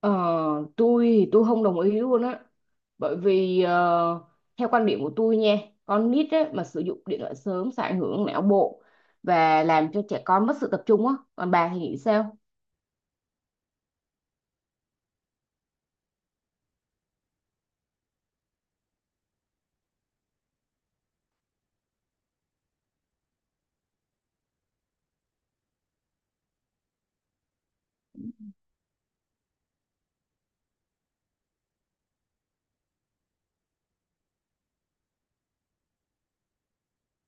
Ờ, tôi thì tôi không đồng ý luôn á, bởi vì theo quan điểm của tôi nha, con nít á, mà sử dụng điện thoại sớm sẽ ảnh hưởng não bộ và làm cho trẻ con mất sự tập trung á. Còn bà thì nghĩ sao?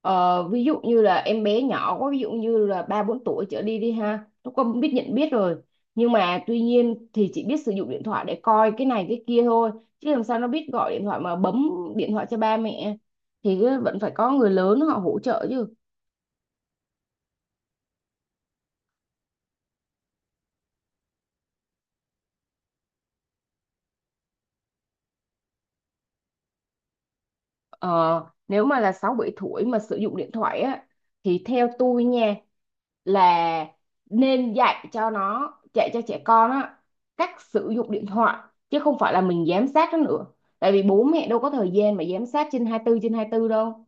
Ờ, ví dụ như là em bé nhỏ quá, ví dụ như là ba bốn tuổi trở đi đi ha, nó không biết nhận biết rồi. Nhưng mà tuy nhiên thì chỉ biết sử dụng điện thoại để coi cái này cái kia thôi, chứ làm sao nó biết gọi điện thoại mà bấm điện thoại cho ba mẹ, thì vẫn phải có người lớn họ hỗ trợ chứ. Ờ, nếu mà là 6 7 tuổi mà sử dụng điện thoại á, thì theo tôi nha, là nên dạy cho nó, dạy cho trẻ con á cách sử dụng điện thoại, chứ không phải là mình giám sát nó nữa. Tại vì bố mẹ đâu có thời gian mà giám sát trên 24 trên 24 đâu.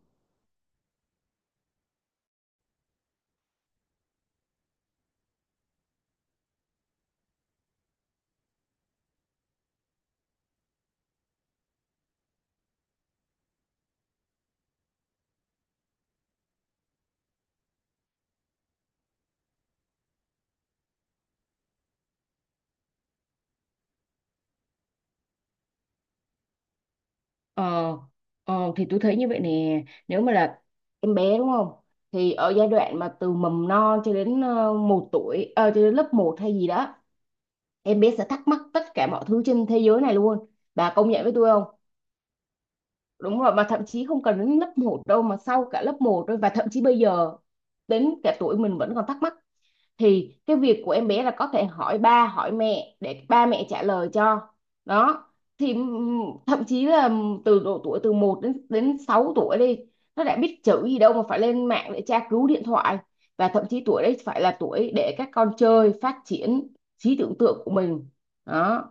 ờ, ờ thì tôi thấy như vậy nè, nếu mà là em bé đúng không, thì ở giai đoạn mà từ mầm non cho đến một tuổi, cho đến lớp một hay gì đó, em bé sẽ thắc mắc tất cả mọi thứ trên thế giới này luôn. Bà công nhận với tôi không? Đúng rồi. Mà thậm chí không cần đến lớp một đâu, mà sau cả lớp một thôi, và thậm chí bây giờ đến cả tuổi mình vẫn còn thắc mắc. Thì cái việc của em bé là có thể hỏi ba hỏi mẹ để ba mẹ trả lời cho. Đó. Thì thậm chí là từ độ tuổi từ một đến đến 6 tuổi đi, nó đã biết chữ gì đâu mà phải lên mạng để tra cứu điện thoại. Và thậm chí tuổi đấy phải là tuổi để các con chơi, phát triển trí tưởng tượng của mình. Đó.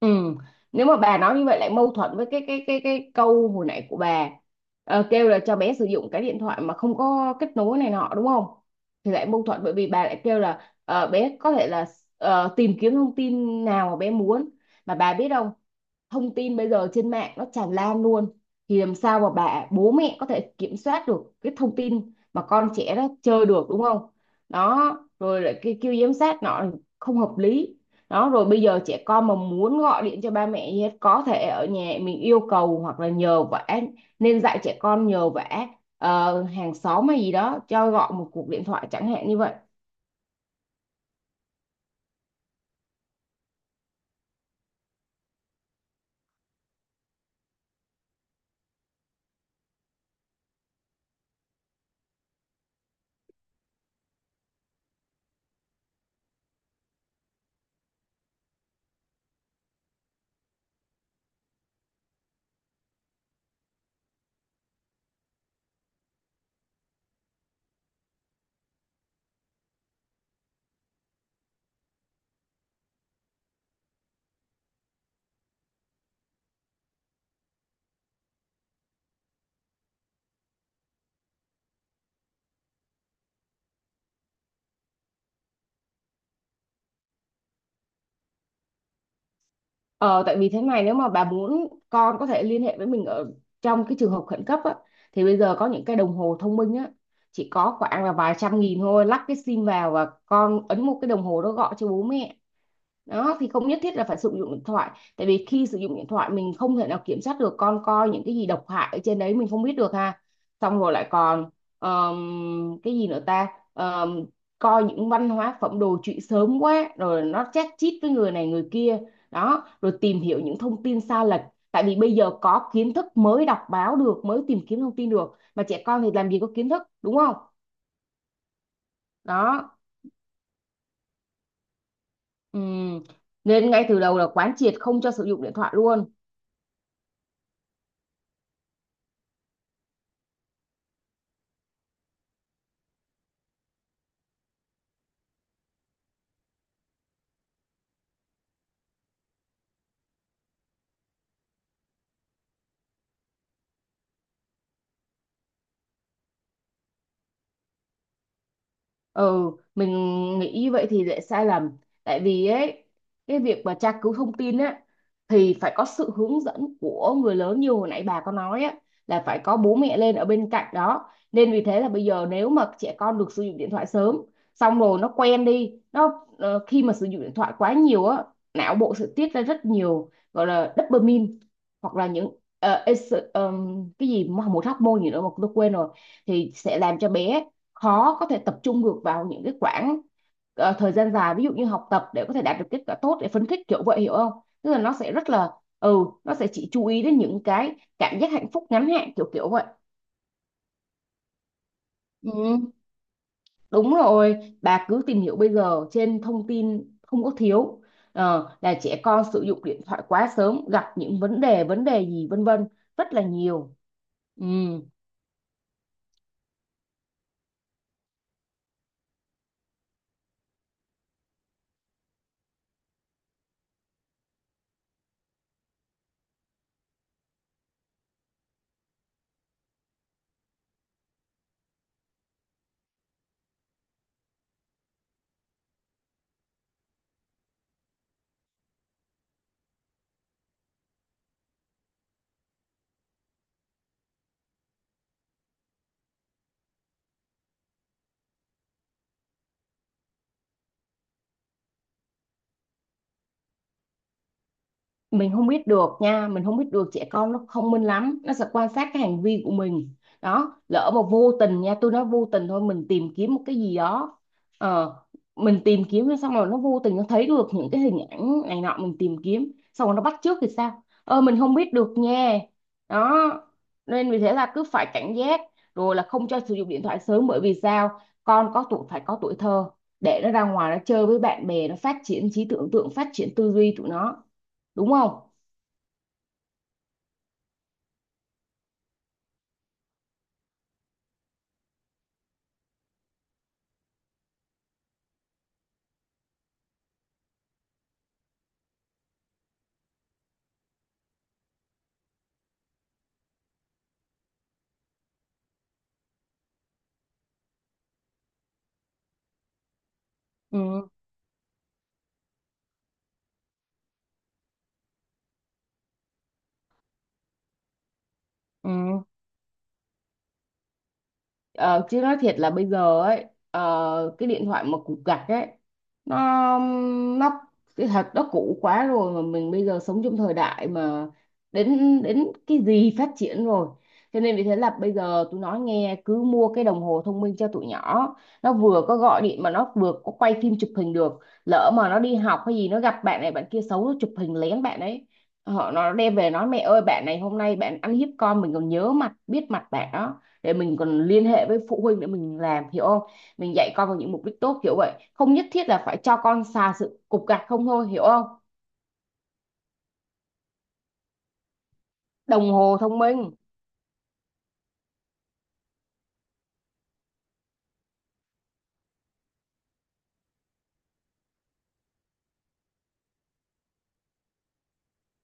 Ừ. Nếu mà bà nói như vậy lại mâu thuẫn với cái câu hồi nãy của bà. Ờ, kêu là cho bé sử dụng cái điện thoại mà không có kết nối này nọ đúng không? Thì lại mâu thuẫn bởi vì bà lại kêu là bé có thể là tìm kiếm thông tin nào mà bé muốn. Mà bà biết không, thông tin bây giờ trên mạng nó tràn lan luôn, thì làm sao mà bà bố mẹ có thể kiểm soát được cái thông tin mà con trẻ nó chơi được đúng không. Đó rồi lại cái kêu giám sát nó, không hợp lý. Đó rồi bây giờ trẻ con mà muốn gọi điện cho ba mẹ gì hết, có thể ở nhà mình yêu cầu hoặc là nhờ vả. Nên dạy trẻ con nhờ vả hàng xóm hay gì đó cho gọi một cuộc điện thoại chẳng hạn như vậy. Ờ, tại vì thế này, nếu mà bà muốn con có thể liên hệ với mình ở trong cái trường hợp khẩn cấp á, thì bây giờ có những cái đồng hồ thông minh á, chỉ có khoảng là vài trăm nghìn thôi, lắp cái sim vào và con ấn một cái đồng hồ đó gọi cho bố mẹ. Đó thì không nhất thiết là phải sử dụng điện thoại. Tại vì khi sử dụng điện thoại mình không thể nào kiểm soát được con coi những cái gì độc hại ở trên đấy, mình không biết được ha. Xong rồi lại còn cái gì nữa ta. Ờm, Coi những văn hóa phẩm đồ trụy sớm quá rồi, nó chát chít với người này người kia. Đó rồi tìm hiểu những thông tin sai lệch. Tại vì bây giờ có kiến thức mới đọc báo được, mới tìm kiếm thông tin được, mà trẻ con thì làm gì có kiến thức đúng không. Đó. Ừm. Nên ngay từ đầu là quán triệt không cho sử dụng điện thoại luôn. Ừ, mình nghĩ như vậy thì lại sai lầm. Tại vì ấy, cái việc mà tra cứu thông tin á, thì phải có sự hướng dẫn của người lớn như hồi nãy bà có nói á, là phải có bố mẹ lên ở bên cạnh đó. Nên vì thế là bây giờ nếu mà trẻ con được sử dụng điện thoại sớm, xong rồi nó quen đi, khi mà sử dụng điện thoại quá nhiều á, não bộ sẽ tiết ra rất nhiều gọi là dopamine, hoặc là những cái gì mà một hormone gì nữa mà tôi quên rồi. Thì sẽ làm cho bé khó có thể tập trung được vào những cái khoảng thời gian dài, ví dụ như học tập để có thể đạt được kết quả tốt, để phấn khích kiểu vậy hiểu không. Tức là nó sẽ rất là, nó sẽ chỉ chú ý đến những cái cảm giác hạnh phúc ngắn hạn kiểu kiểu vậy. Ừ, đúng rồi, bà cứ tìm hiểu bây giờ trên thông tin không có thiếu. Ờ, là trẻ con sử dụng điện thoại quá sớm gặp những vấn đề gì vân vân, rất là nhiều. Ừ. Mình không biết được nha, mình không biết được, trẻ con nó thông minh lắm, nó sẽ quan sát cái hành vi của mình. Đó lỡ mà vô tình nha, tôi nói vô tình thôi, mình tìm kiếm một cái gì đó, ờ, mình tìm kiếm xong rồi nó vô tình nó thấy được những cái hình ảnh này nọ, mình tìm kiếm xong rồi nó bắt chước thì sao. Ờ mình không biết được nha. Đó. Nên vì thế là cứ phải cảnh giác, rồi là không cho sử dụng điện thoại sớm. Bởi vì sao, con có tuổi phải có tuổi thơ, để nó ra ngoài nó chơi với bạn bè, nó phát triển trí tưởng tượng, phát triển tư duy tụi nó đúng không. Ừ, ừ. Ờ, chứ nói thiệt là bây giờ ấy, cái điện thoại mà cục gạch ấy, nó nó cái thật nó cũ quá rồi, mà mình bây giờ sống trong thời đại mà đến đến cái gì phát triển rồi. Cho nên vì thế là bây giờ tôi nói nghe, cứ mua cái đồng hồ thông minh cho tụi nhỏ, nó vừa có gọi điện mà nó vừa có quay phim chụp hình được. Lỡ mà nó đi học hay gì, nó gặp bạn này bạn kia xấu, nó chụp hình lén bạn ấy, họ nó đem về nói mẹ ơi bạn này hôm nay bạn ăn hiếp con, mình còn nhớ mặt biết mặt bạn đó, để mình còn liên hệ với phụ huynh để mình làm hiểu không. Mình dạy con vào những mục đích tốt, hiểu vậy không, nhất thiết là phải cho con xà sự cục gạch không thôi hiểu không. Đồng hồ thông minh.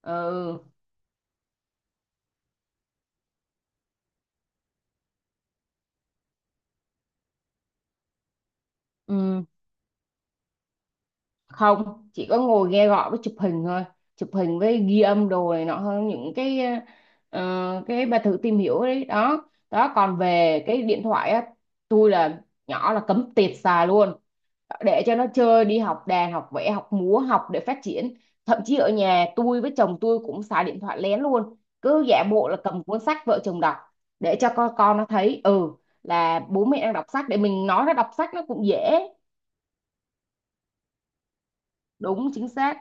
Ừ, ừ, không chỉ có ngồi nghe gọi với chụp hình thôi, chụp hình với ghi âm đồ này nọ, hơn những cái cái bà thử tìm hiểu đấy. Đó đó còn về cái điện thoại á, tôi là nhỏ là cấm tiệt xài luôn, để cho nó chơi, đi học đàn học vẽ học múa học để phát triển. Thậm chí ở nhà tôi với chồng tôi cũng xài điện thoại lén luôn, cứ giả bộ là cầm cuốn sách vợ chồng đọc, để cho con nó thấy là bố mẹ đang đọc sách, để mình nói nó đọc sách nó cũng dễ. Đúng chính xác.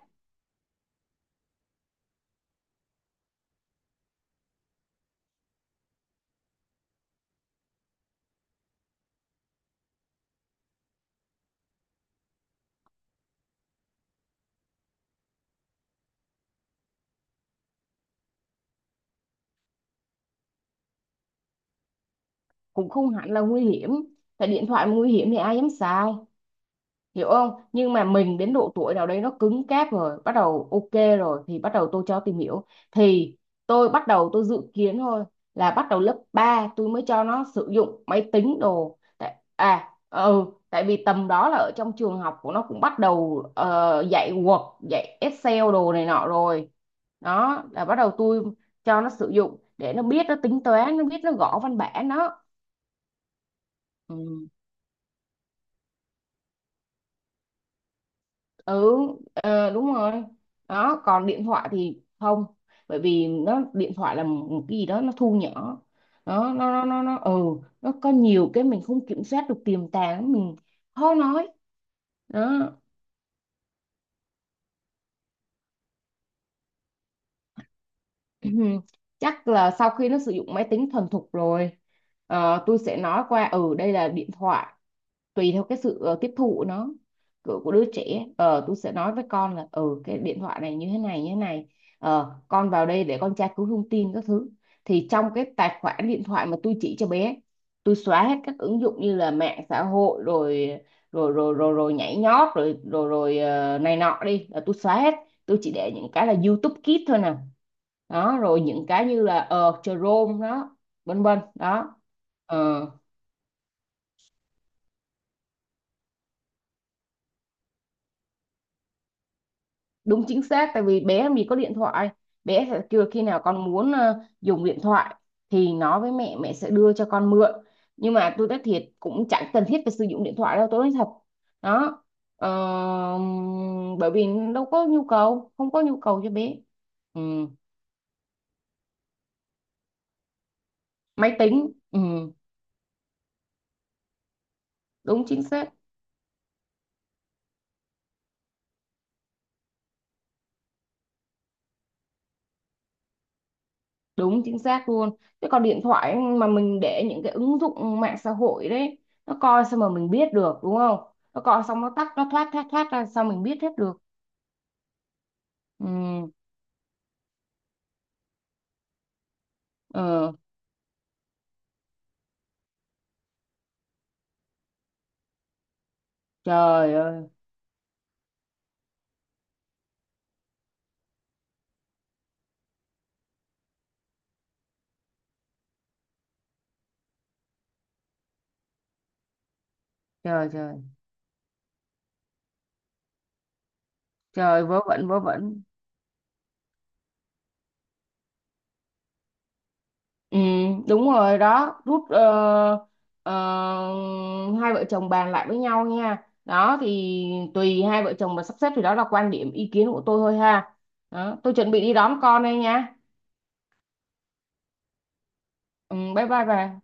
Cũng không hẳn là nguy hiểm, tại điện thoại mà nguy hiểm thì ai dám xài, hiểu không. Nhưng mà mình đến độ tuổi nào đấy nó cứng cáp rồi bắt đầu ok. Rồi thì bắt đầu tôi cho tìm hiểu, thì tôi bắt đầu tôi dự kiến thôi, là bắt đầu lớp 3 tôi mới cho nó sử dụng máy tính đồ à ừ tại vì tầm đó là ở trong trường học của nó cũng bắt đầu dạy Word dạy Excel đồ này nọ rồi. Đó là bắt đầu tôi cho nó sử dụng để nó biết nó tính toán, nó biết nó gõ văn bản. Đó. Ừ. ừ Đúng rồi. Đó còn điện thoại thì không, bởi vì nó điện thoại là một cái gì đó nó thu nhỏ. Đó nó có nhiều cái mình không kiểm soát được tiềm tàng, mình khó nói. Đó. Chắc là sau khi nó sử dụng máy tính thuần thục rồi, tôi sẽ nói qua, đây là điện thoại. Tùy theo cái sự tiếp thụ nó của đứa trẻ, tôi sẽ nói với con là cái điện thoại này như thế này như thế này. Con vào đây để con tra cứu thông tin các thứ. Thì trong cái tài khoản điện thoại mà tôi chỉ cho bé, tôi xóa hết các ứng dụng như là mạng xã hội rồi rồi rồi rồi, rồi, nhảy nhót rồi rồi rồi này nọ đi là tôi xóa hết. Tôi chỉ để những cái là YouTube Kids thôi nè. Đó rồi những cái như là ờ Chrome đó, vân vân đó. Ờ, đúng chính xác tại vì bé mình có điện thoại, bé sẽ kêu khi nào con muốn dùng điện thoại, thì nói với mẹ, mẹ sẽ đưa cho con mượn. Nhưng mà tôi nói thiệt cũng chẳng cần thiết phải sử dụng điện thoại đâu, tôi nói thật. Đó. Ờ, bởi vì đâu có nhu cầu, không có nhu cầu cho bé. Ừ. Máy tính ừ. Đúng chính xác. Đúng chính xác luôn. Chứ còn điện thoại mà mình để những cái ứng dụng mạng xã hội đấy, nó coi sao mà mình biết được đúng không. Nó coi xong nó tắt nó thoát thoát thoát ra sao mình biết hết được. Ừ, ừ, trời ơi. Trời trời trời vớ vẩn vớ vẩn. Ừ, đúng rồi đó, ờ, hai vợ chồng bàn lại với nhau nha. Đó thì tùy hai vợ chồng mà sắp xếp, thì đó là quan điểm ý kiến của tôi thôi ha. Đó, tôi chuẩn bị đi đón con đây nha. Ừ, bye bye bà.